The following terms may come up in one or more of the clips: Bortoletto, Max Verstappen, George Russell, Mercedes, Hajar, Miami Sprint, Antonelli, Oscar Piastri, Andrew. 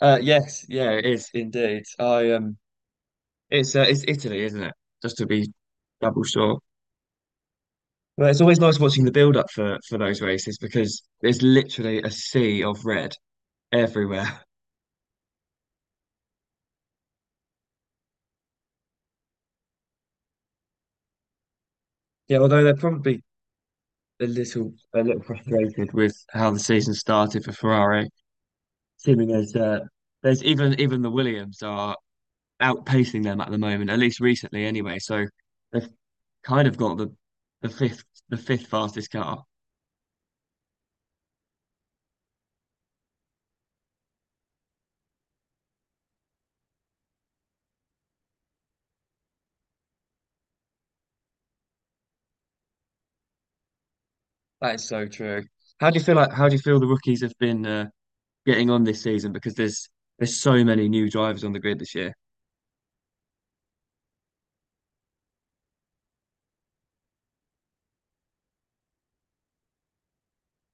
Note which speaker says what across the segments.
Speaker 1: Yes, yeah, it is indeed. I it's Italy, isn't it? Just to be double sure. But it's always nice watching the build up for those races because there's literally a sea of red everywhere. Yeah, although they're probably a little frustrated with how the season started for Ferrari, seeming as there's even the Williams are outpacing them at the moment, at least recently anyway. So they've kind of got the fifth fastest car. That is so true. How do you feel like how do you feel the rookies have been getting on this season? Because there's so many new drivers on the grid this year.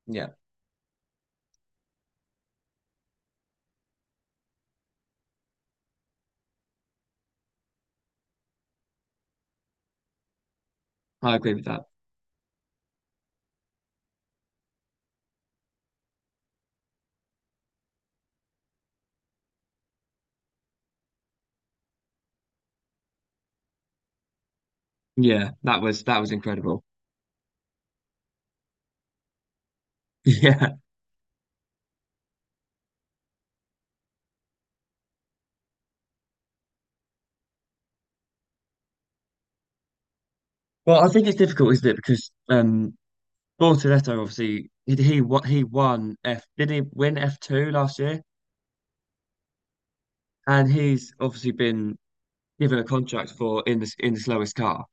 Speaker 1: Yeah, I agree with that. Yeah, that was incredible. Yeah. Well, I think it's difficult, isn't it? Because Bortoletto obviously he what he won F did he win F2 last year? And he's obviously been given a contract for in the slowest car.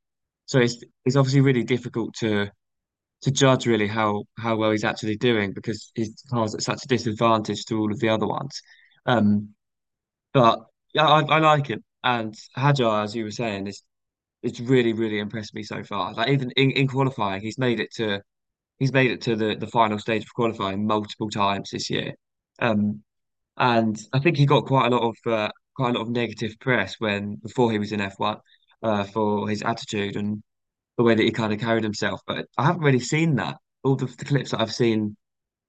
Speaker 1: So it's obviously really difficult to judge really how well he's actually doing because his car's at such a disadvantage to all of the other ones. Um, but yeah, I like him. And Hajar, as you were saying, is it's really impressed me so far. Like even in qualifying, he's made it to the final stage of qualifying multiple times this year. Um, and I think he got quite a lot of negative press when before he was in F1 for his attitude and the way that he kind of carried himself. But I haven't really seen that. All the clips that I've seen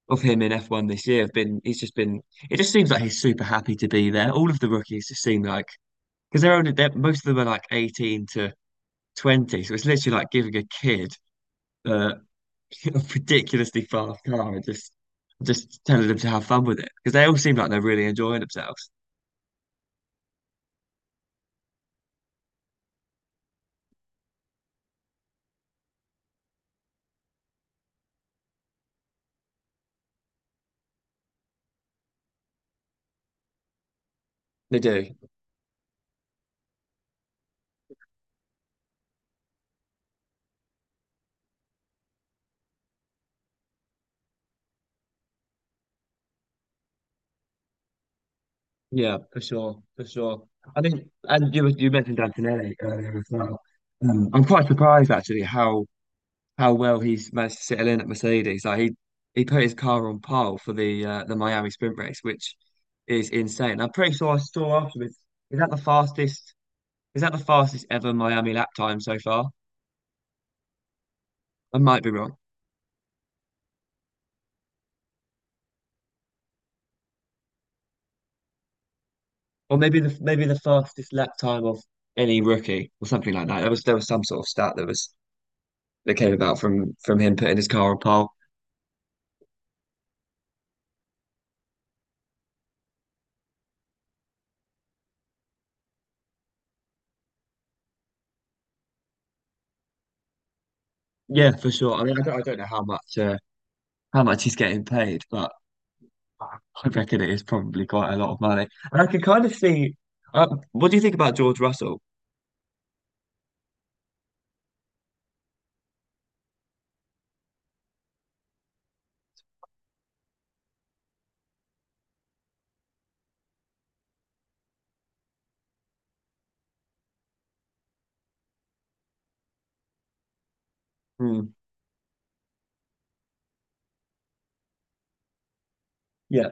Speaker 1: of him in F1 this year have been, it just seems like he's super happy to be there. All of the rookies just seem like, because most of them are like 18 to 20. So it's literally like giving a kid uh, ridiculously fast car and just telling them to have fun with it because they all seem like they're really enjoying themselves. They do. Yeah, for sure, for sure. I think, and you mentioned Antonelli earlier as well. I'm quite surprised actually how well he's managed to settle in at Mercedes. Like he put his car on pole for the Miami Sprint race, which is insane. I'm pretty sure I saw afterwards. Is that the fastest? Is that the fastest ever Miami lap time so far? I might be wrong, or maybe the fastest lap time of any rookie or something like that. There was some sort of stat that was that came about from him putting his car on pole. Yeah, for sure. I mean, I don't know how much he's getting paid. But I reckon it is probably quite a lot of money. And I can kind of see. What do you think about George Russell? Hmm. Yeah,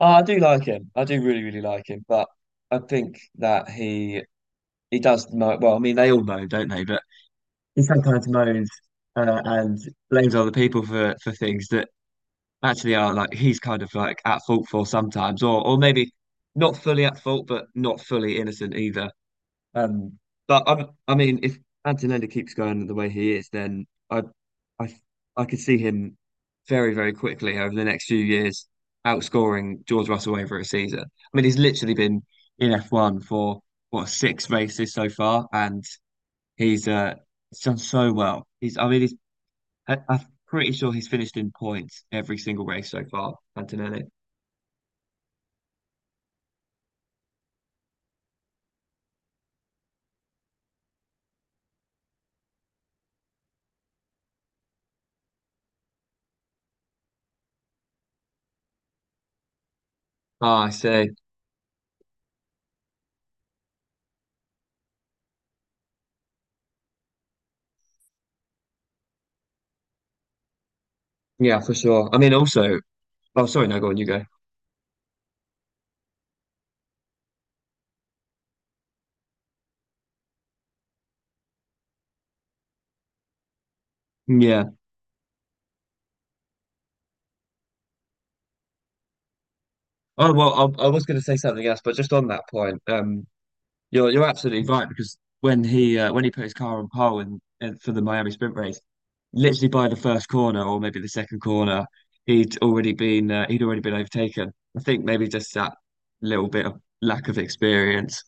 Speaker 1: oh, I do like him. I do really, really like him. But I think that he does moan. Well, I mean, they all moan, don't they? But he sometimes moans and blames other people for things that actually are like he's kind of like at fault for sometimes, or maybe not fully at fault, but not fully innocent either. Um, but I mean, if Antonelli keeps going the way he is, then I, I could see him very, very quickly over the next few years outscoring George Russell over a season. I mean, he's literally been in F1 for what six races so far, and he's uh he's done so well. He's, I mean, he's, I, I'm pretty sure he's finished in points every single race so far, Antonelli. Ah, I see. Yeah, for sure. I mean, also, oh, sorry, no, go on, you go. Yeah. Oh well, I was going to say something else, but just on that point, you're absolutely right because when he put his car on pole and for the Miami Sprint race, literally by the first corner or maybe the second corner, he'd already been overtaken. I think maybe just that little bit of lack of experience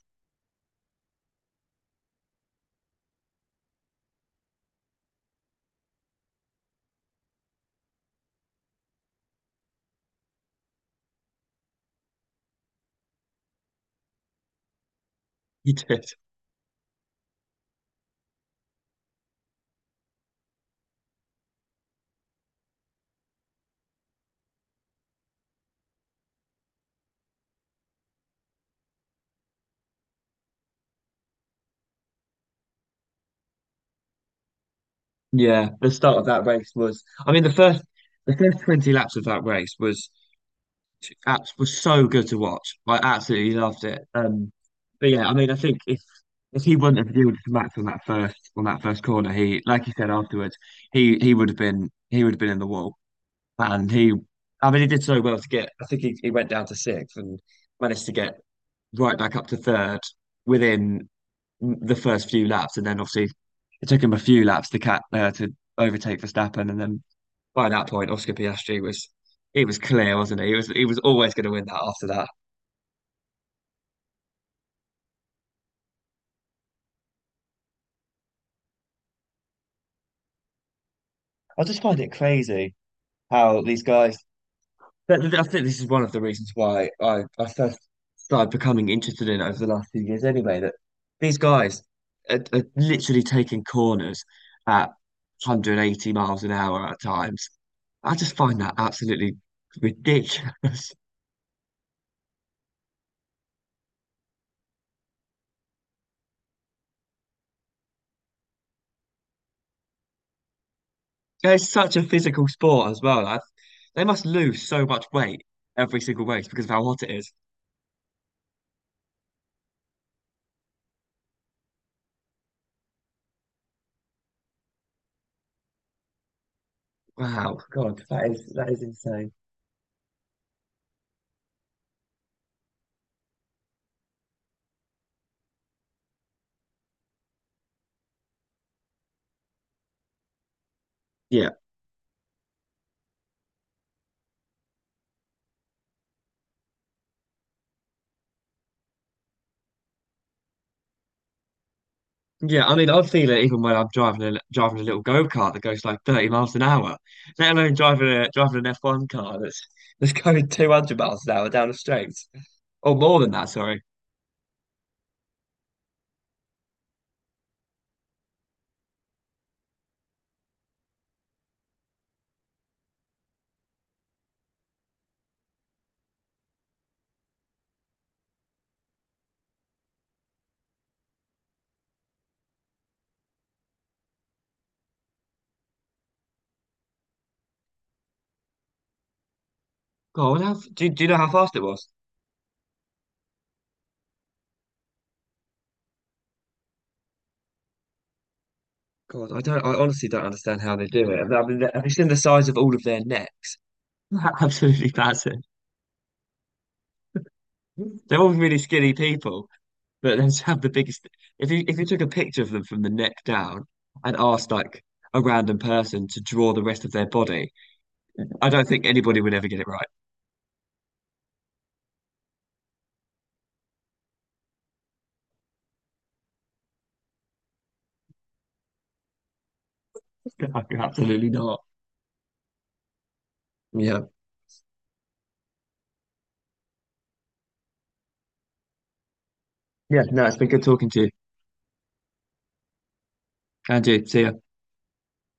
Speaker 1: he did. Yeah, the start of that race was. I mean, the first 20 laps of that race was Apps was so good to watch. I absolutely loved it. But yeah, I mean, I think if he wouldn't have yielded to Max on that first corner, he like you said afterwards, he would have been in the wall, and he, I mean, he did so well to get. I think he went down to sixth and managed to get right back up to third within the first few laps, and then obviously it took him a few laps to cat to overtake Verstappen, and then by that point, Oscar Piastri was. It was clear, wasn't it? He was always going to win that after that. I just find it crazy how these guys. But I think this is one of the reasons why I first started becoming interested in it over the last few years, anyway. That these guys are literally taking corners at 180 miles an hour at times. I just find that absolutely ridiculous. It's such a physical sport as well. I, they must lose so much weight every single race because of how hot it is. Wow, God, that is insane. Yeah, yeah, I mean, I feel it even when I'm driving a little go-kart that goes like 30 miles an hour, let alone driving a driving an F1 car that's going 200 miles an hour down the straight, or more than that. Sorry. God, how, do you know how fast it was? God, I don't. I honestly don't understand how they do it. I mean, have you seen the size of all of their necks? Absolutely massive. They're all really skinny people, but they just have the biggest. If you took a picture of them from the neck down and asked like a random person to draw the rest of their body, I don't think anybody would ever get it right. Absolutely not. Yeah. Yeah. No, it's been good talking to you. Andrew, see ya.